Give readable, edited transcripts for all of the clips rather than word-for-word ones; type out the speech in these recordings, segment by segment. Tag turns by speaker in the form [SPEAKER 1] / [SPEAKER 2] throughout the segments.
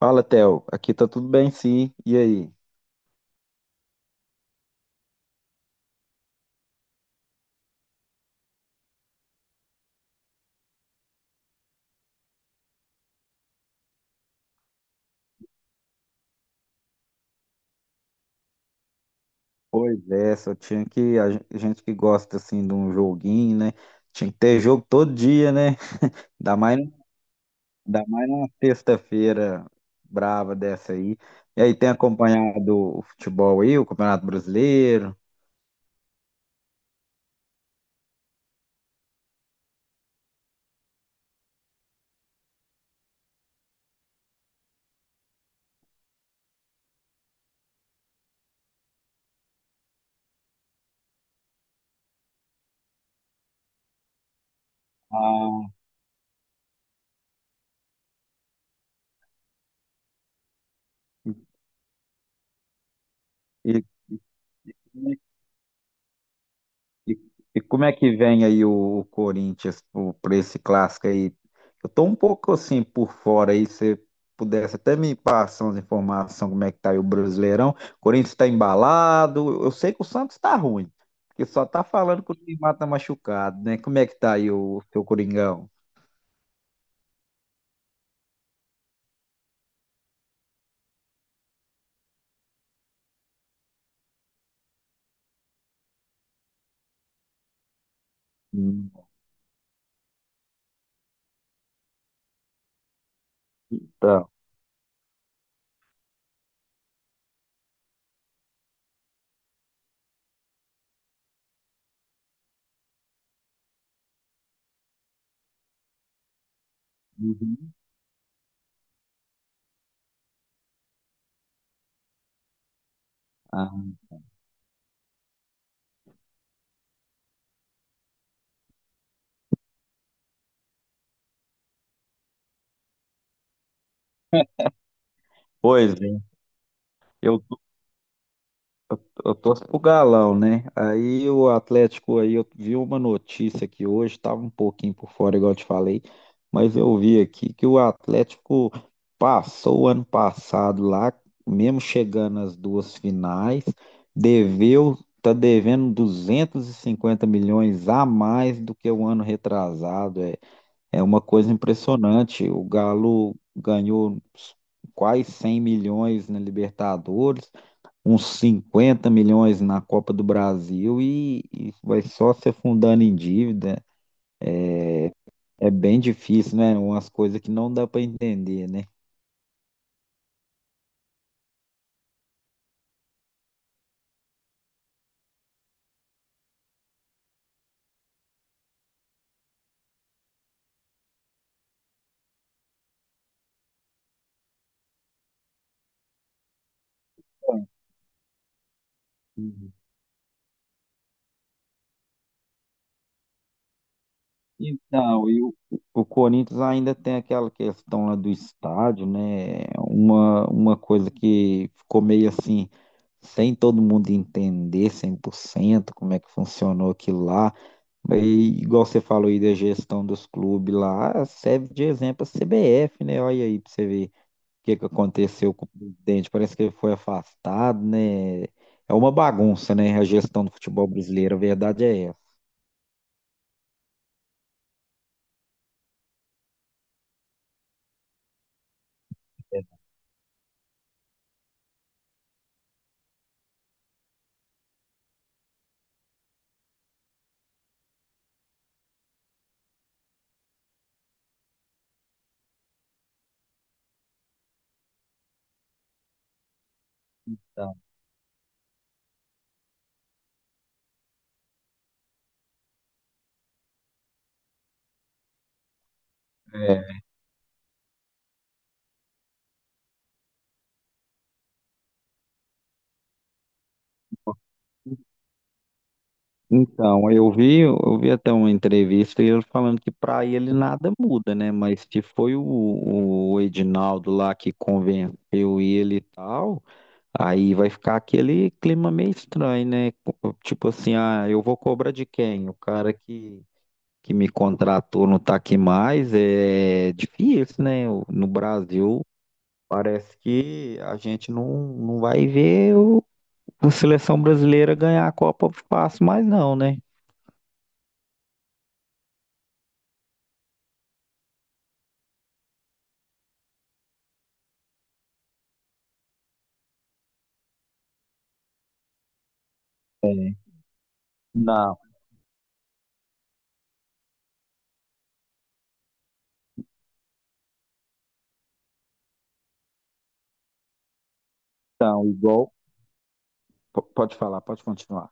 [SPEAKER 1] Fala, Theo. Aqui tá tudo bem, sim. E aí? Pois é, só tinha que. A gente que gosta, assim, de um joguinho, né? Tinha que ter jogo todo dia, né? Ainda mais, ainda mais numa sexta-feira brava dessa aí. E aí, tem acompanhado o futebol aí, o Campeonato Brasileiro? Ah, e, E, e como é que vem aí o Corinthians para esse clássico aí? Eu tô um pouco assim por fora aí, se pudesse até me passar umas informações como é que tá aí o Brasileirão. O Corinthians está embalado, eu sei que o Santos tá ruim, porque só tá falando que o Neymar tá machucado, né? Como é que tá aí o seu Coringão? Hum, Tá. Uhum. Ah, pois é. Eu Eu torço pro Galão, né? Aí o Atlético aí, eu vi uma notícia aqui hoje, tava um pouquinho por fora, igual eu te falei, mas eu vi aqui que o Atlético passou o ano passado lá, mesmo chegando às duas finais, tá devendo 250 milhões a mais do que o ano retrasado. É uma coisa impressionante. O Galo ganhou quase 100 milhões na Libertadores, uns 50 milhões na Copa do Brasil, e vai só se afundando em dívida. É bem difícil, né? Umas coisas que não dá para entender, né? Uhum. Então, e o Corinthians ainda tem aquela questão lá do estádio, né? Uma coisa que ficou meio assim, sem todo mundo entender 100% como é que funcionou aquilo lá. E, igual você falou aí da gestão dos clubes lá, serve de exemplo a CBF, né? Olha aí para você ver que aconteceu com o presidente. Parece que ele foi afastado, né? É uma bagunça, né? A gestão do futebol brasileiro, a verdade é essa. Então, é, Então, eu vi até uma entrevista e ele falando que para ele nada muda, né? Mas que foi o Edinaldo lá que convenceu ele e tal, aí vai ficar aquele clima meio estranho, né? Tipo assim, ah, eu vou cobrar de quem? O cara que me contratou não está aqui mais, é difícil, né? No Brasil, parece que a gente não vai ver a seleção brasileira ganhar a Copa fácil mais não, né? Não, então, igual. Pode falar, pode continuar.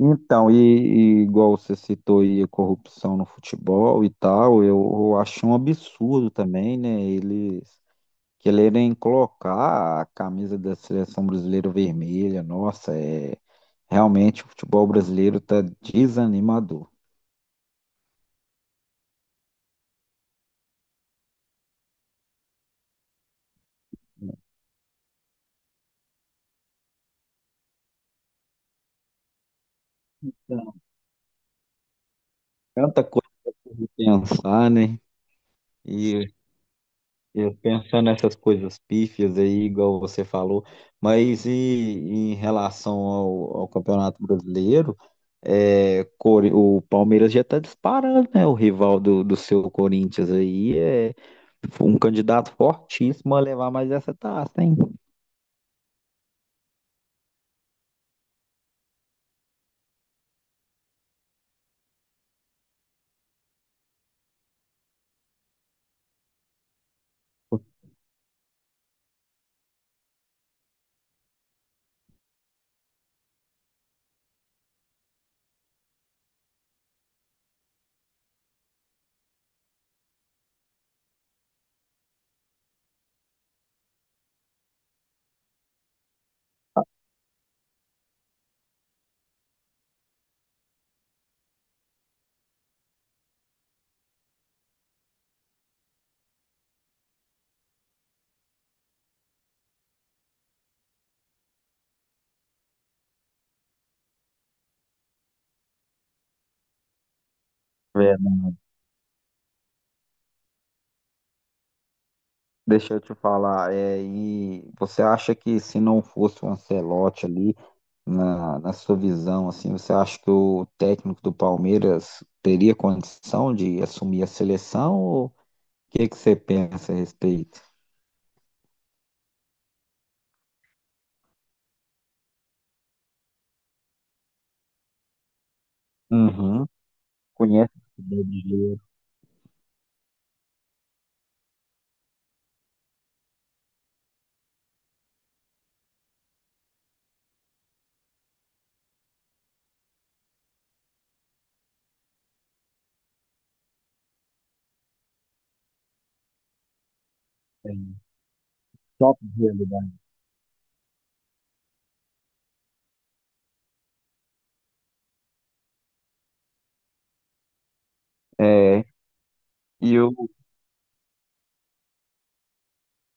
[SPEAKER 1] Então, e igual você citou aí a corrupção no futebol e tal, eu acho um absurdo também, né? Eles quererem colocar a camisa da seleção brasileira vermelha, nossa, é realmente o futebol brasileiro tá desanimador. Não, tanta coisa de pensar, né? E eu pensando nessas coisas pífias aí, igual você falou, mas em relação ao Campeonato Brasileiro, o Palmeiras já está disparando, né? O rival do seu Corinthians aí é um candidato fortíssimo a levar mais essa taça, hein? Deixa eu te falar, e você acha que se não fosse o Ancelotti ali, na sua visão, assim, você acha que o técnico do Palmeiras teria condição de assumir a seleção? Ou o que que você pensa a respeito? Uhum. Conhece o brasileiro, tem top de realidade. É, e eu,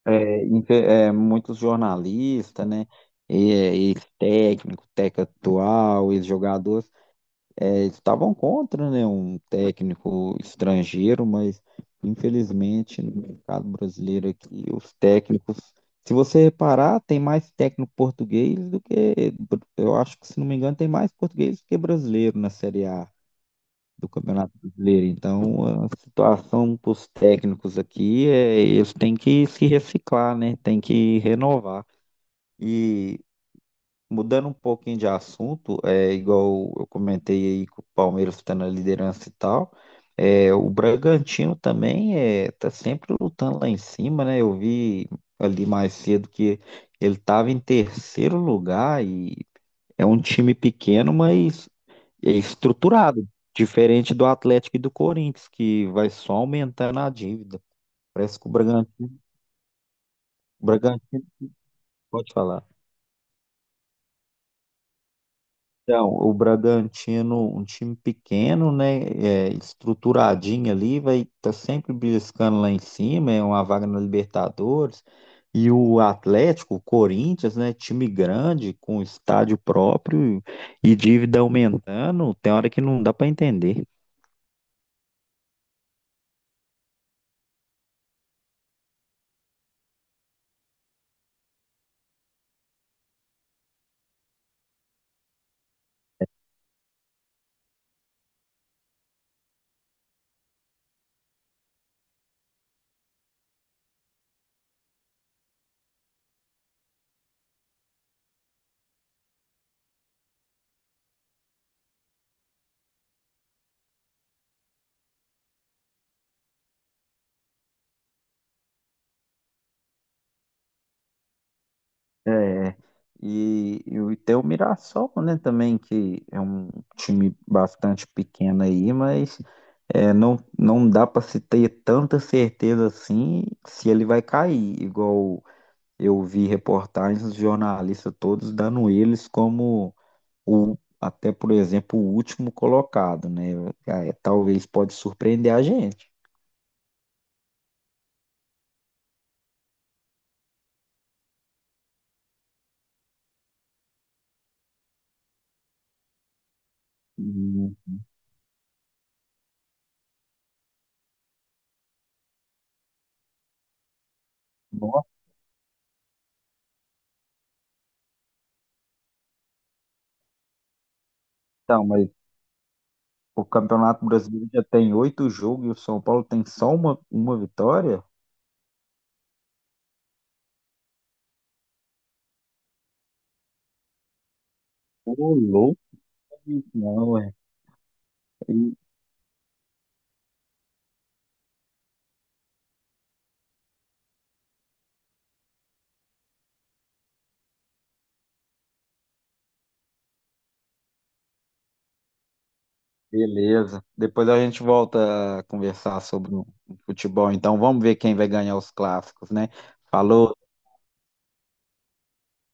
[SPEAKER 1] é, muitos jornalistas, né? Ex-técnico, técnico atual, ex-jogador, eles estavam contra, né, um técnico estrangeiro, mas infelizmente no mercado brasileiro aqui, os técnicos, se você reparar, tem mais técnico português do que, eu acho que se não me engano, tem mais português do que brasileiro na Série A do Campeonato Brasileiro. Então, a situação para os técnicos aqui é eles têm que se reciclar, né? Tem que renovar. E mudando um pouquinho de assunto, é igual eu comentei aí que o Palmeiras está na liderança e tal. É, o Bragantino também tá sempre lutando lá em cima, né? Eu vi ali mais cedo que ele estava em terceiro lugar e é um time pequeno, mas é estruturado, diferente do Atlético e do Corinthians, que vai só aumentando a dívida. Parece que o Bragantino pode falar. Então, o Bragantino, um time pequeno, né, estruturadinho ali, vai tá sempre beliscando lá em cima, é uma vaga na Libertadores. E o Atlético, o Corinthians, né, time grande, com estádio próprio e dívida aumentando, tem hora que não dá para entender. É, e tem o Mirassol, né, também, que é um time bastante pequeno aí, mas não dá para se ter tanta certeza assim se ele vai cair, igual eu vi reportagens dos jornalistas todos dando eles como até, por exemplo, o último colocado, né? É, talvez pode surpreender a gente. Hum, Nossa, mas o Campeonato Brasileiro já tem oito jogos e o São Paulo tem só uma vitória? Ô, louco, não, é. E- Beleza. Depois a gente volta a conversar sobre o futebol. Então vamos ver quem vai ganhar os clássicos, né? Falou.